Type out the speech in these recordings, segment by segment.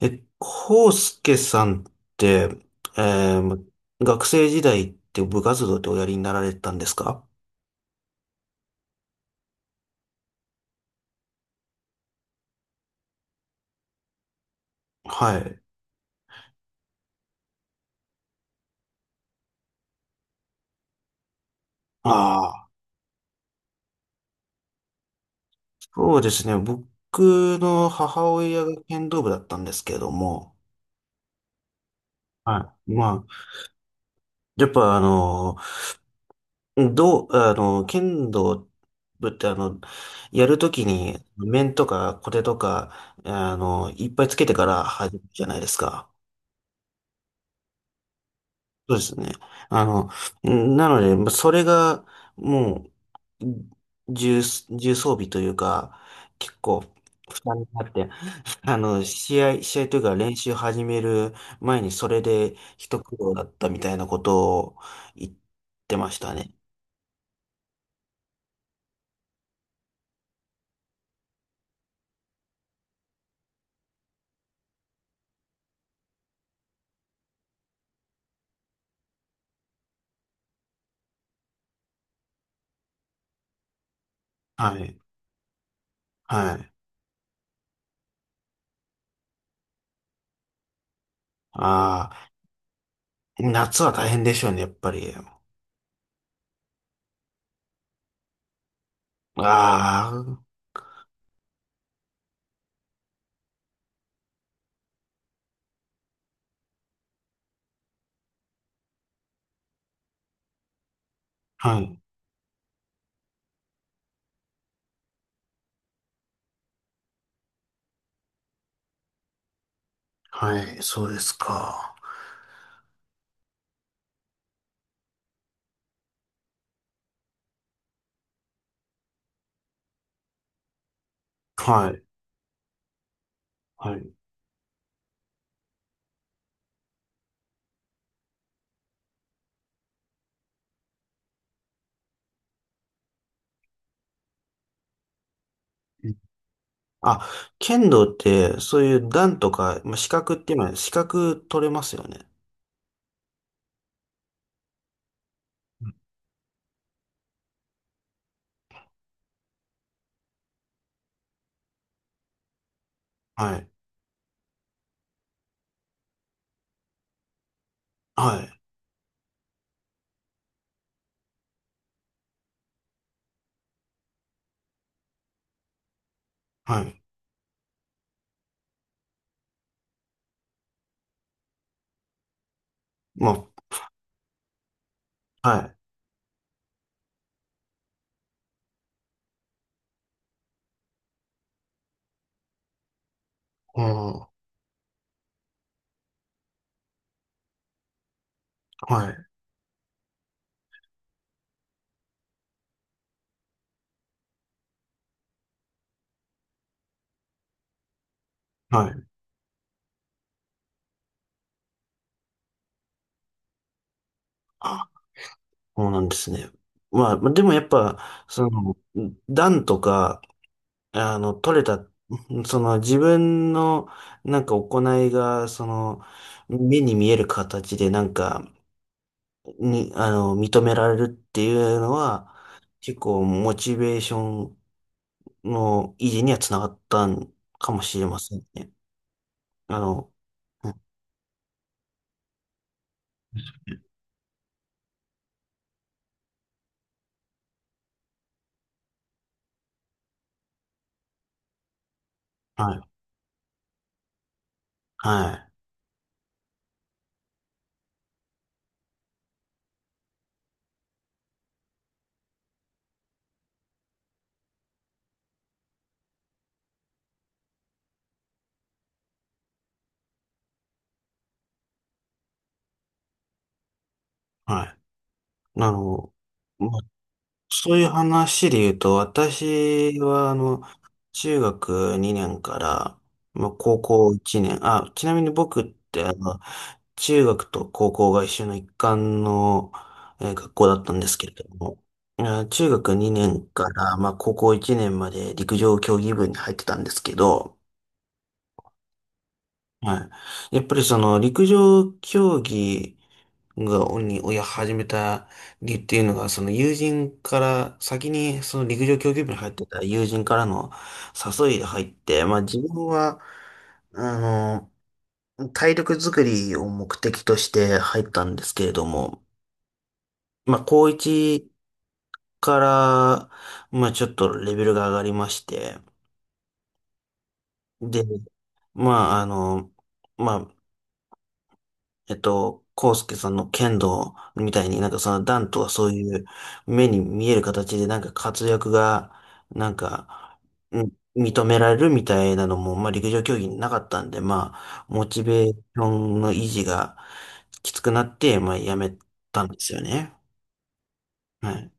コウス介さんって、えー学生時代って部活動っておやりになられたんですか？はい。ああ、そうですね。僕の母親が剣道部だったんですけども、はい。まあ、やっぱあの、どう、あの、剣道部ってやるときに面とか小手とか、いっぱいつけてから始めるじゃないですか。そうですね。あの、なので、それが、もう、重装備というか、結構、負担になって、試合というか練習始める前にそれで一苦労だったみたいなことを言ってましたね。はい。はい。ああ、夏は大変でしょうね、やっぱり。ああ、はい。はい、そうですか。はい。はい。あ、剣道って、そういう段とか、まあ、資格って今、資格取れますよね。はい。はい。はい。まあ、はい。うん。はい。はい。あ、そうなんですね。まあ、まあでもやっぱ、その、段とか、取れた、その自分の、なんか行いが、その、目に見える形で、なんか、に、認められるっていうのは、結構モチベーションの維持にはつながったんかもしれませんね。あの、うん、はい、はい、はい。あの、まあ、そういう話で言うと、私は、中学2年から、まあ、高校1年、あ、ちなみに僕って、中学と高校が一緒の一貫の、学校だったんですけれども、あ、中学2年から、まあ、高校1年まで陸上競技部に入ってたんですけど、はい。やっぱりその陸上競技をや始めた理由っていうのが、その友人から、先にその陸上競技部に入ってた友人からの誘いが入って、まあ自分は、あの、体力作りを目的として入ったんですけれども、まあ高1から、まあちょっとレベルが上がりまして、で、まあまあ康介さんの剣道みたいになんかその段とはそういう目に見える形でなんか活躍がなんか、うん、認められるみたいなのも、まあ陸上競技になかったんで、まあ、モチベーションの維持がきつくなって、まあやめたんですよね。はい。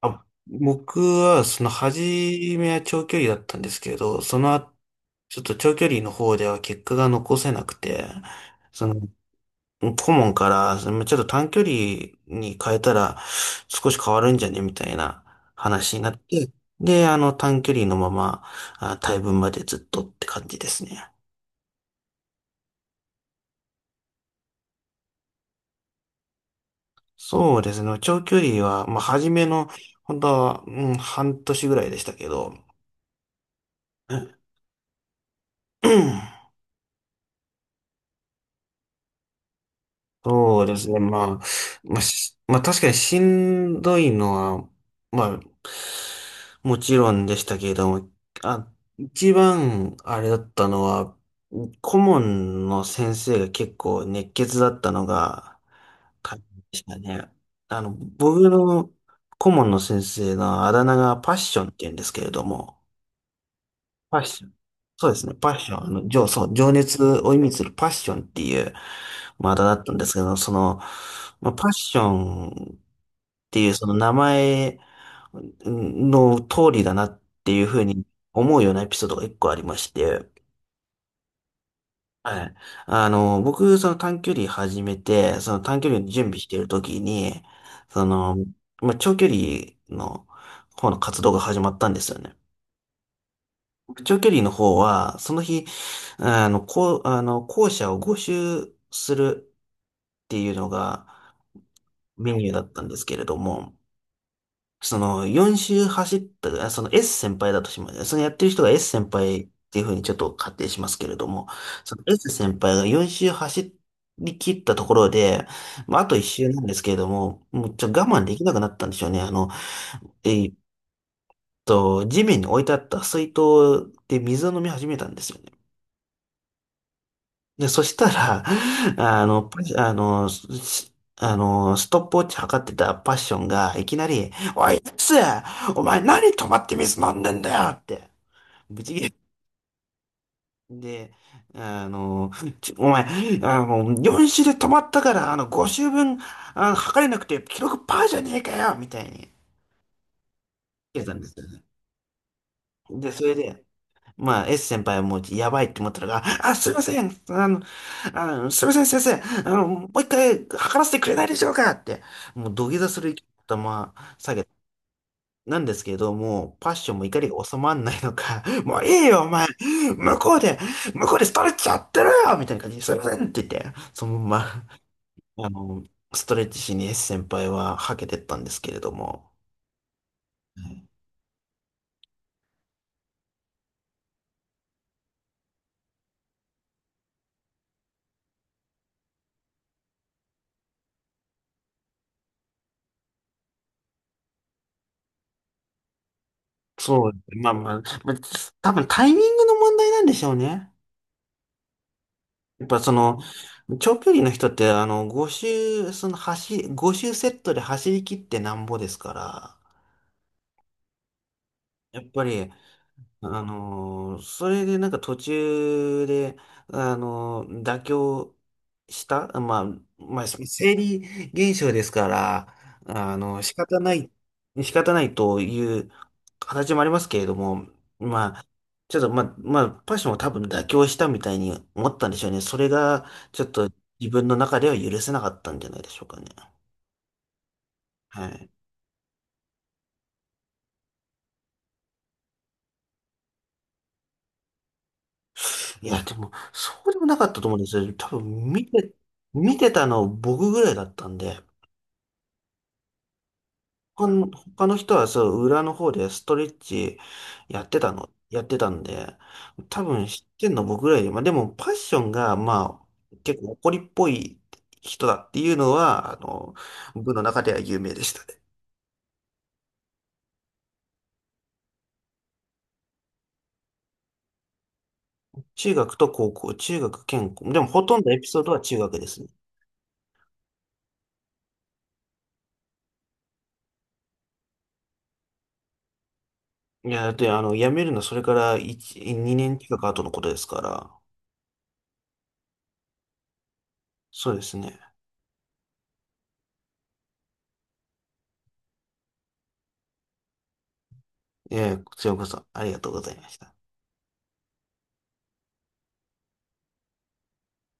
あ、僕はその初めは長距離だったんですけど、その後、ちょっと長距離の方では結果が残せなくて、その顧問から、ちょっと短距離に変えたら少し変わるんじゃねみたいな話になって、で、あの短距離のまま、あ、大分までずっとって感じですね。そうですね。長距離は、まあ、初めの、本当は、うん、半年ぐらいでしたけど、うん、そうですね。まあ、まあ確かにしんどいのは、まあ、もちろんでしたけれども、あ、一番あれだったのは、顧問の先生が結構熱血だったのが、感じでしたね。僕の顧問の先生のあだ名がパッションって言うんですけれども、パッション。そうですね。パッション。そう、情熱を意味するパッションっていう、まあ、だったんですけど、その、まあ、パッションっていう、その名前の通りだなっていうふうに思うようなエピソードが一個ありまして、はい。僕、その短距離始めて、その短距離の準備しているときに、その、まあ、長距離の方の活動が始まったんですよね。長距離の方は、その日、こう、校舎を5周するっていうのがメニューだったんですけれども、その4周走った、あ、その S 先輩だとします。そのやってる人が S 先輩っていうふうにちょっと仮定しますけれども、その S 先輩が4周走り切ったところで、まあ、あと1周なんですけれども、もうちょっと我慢できなくなったんでしょうね。えーっ地面に置いてあった水筒で水を飲み始めたんですよね。で、そしたら、あの、パあの、しあの、ストップウォッチ測ってたパッションが、いきなり、おい、やつ、お前何止まって水飲んでんだよって、ぶち切れで、あの、お前、4周で止まったから、5周分、測れなくて、記録パーじゃねえかよみたいに、言ってたんですよね。で、それで、まあ、S 先輩はもうやばいって思ったのが、あ、すいません、すいません、先生、もう一回測らせてくれないでしょうかって、もう土下座する勢いで頭下げたなんですけれども、パッションも怒りが収まんないのか、もういいよ、お前、向こうで、向こうでストレッチやってるよみたいな感じで、すいませんって言って、そのまま、ストレッチしに S 先輩ははけてったんですけれども、はい、そう、まあまあ、まあ多分タイミングの問題なんでしょうね。やっぱその、長距離の人って、5周、その走り、5周セットで走り切ってなんぼですから、やっぱり、それでなんか途中で、妥協した、まあ、まあ、生理現象ですから、仕方ない、仕方ないという形もありますけれども、まあ、ちょっと、まあ、まあ、パッションも多分妥協したみたいに思ったんでしょうね。それが、ちょっと自分の中では許せなかったんじゃないでしょうかね。はい。いや、でも、そうでもなかったと思うんですよ。多分、見て、見てたの僕ぐらいだったんで。他の人はそう、裏の方でストレッチやってたんで、多分知ってんの僕ぐらいで、まあでもパッションが、まあ、結構怒りっぽい人だっていうのは、部の中では有名でしたね。中学と高校、中学兼高、でもほとんどエピソードは中学ですね。いや、だって辞めるのはそれから1、2年近く後のことですから、そうですね。ええ、こちらこそありがとうございました。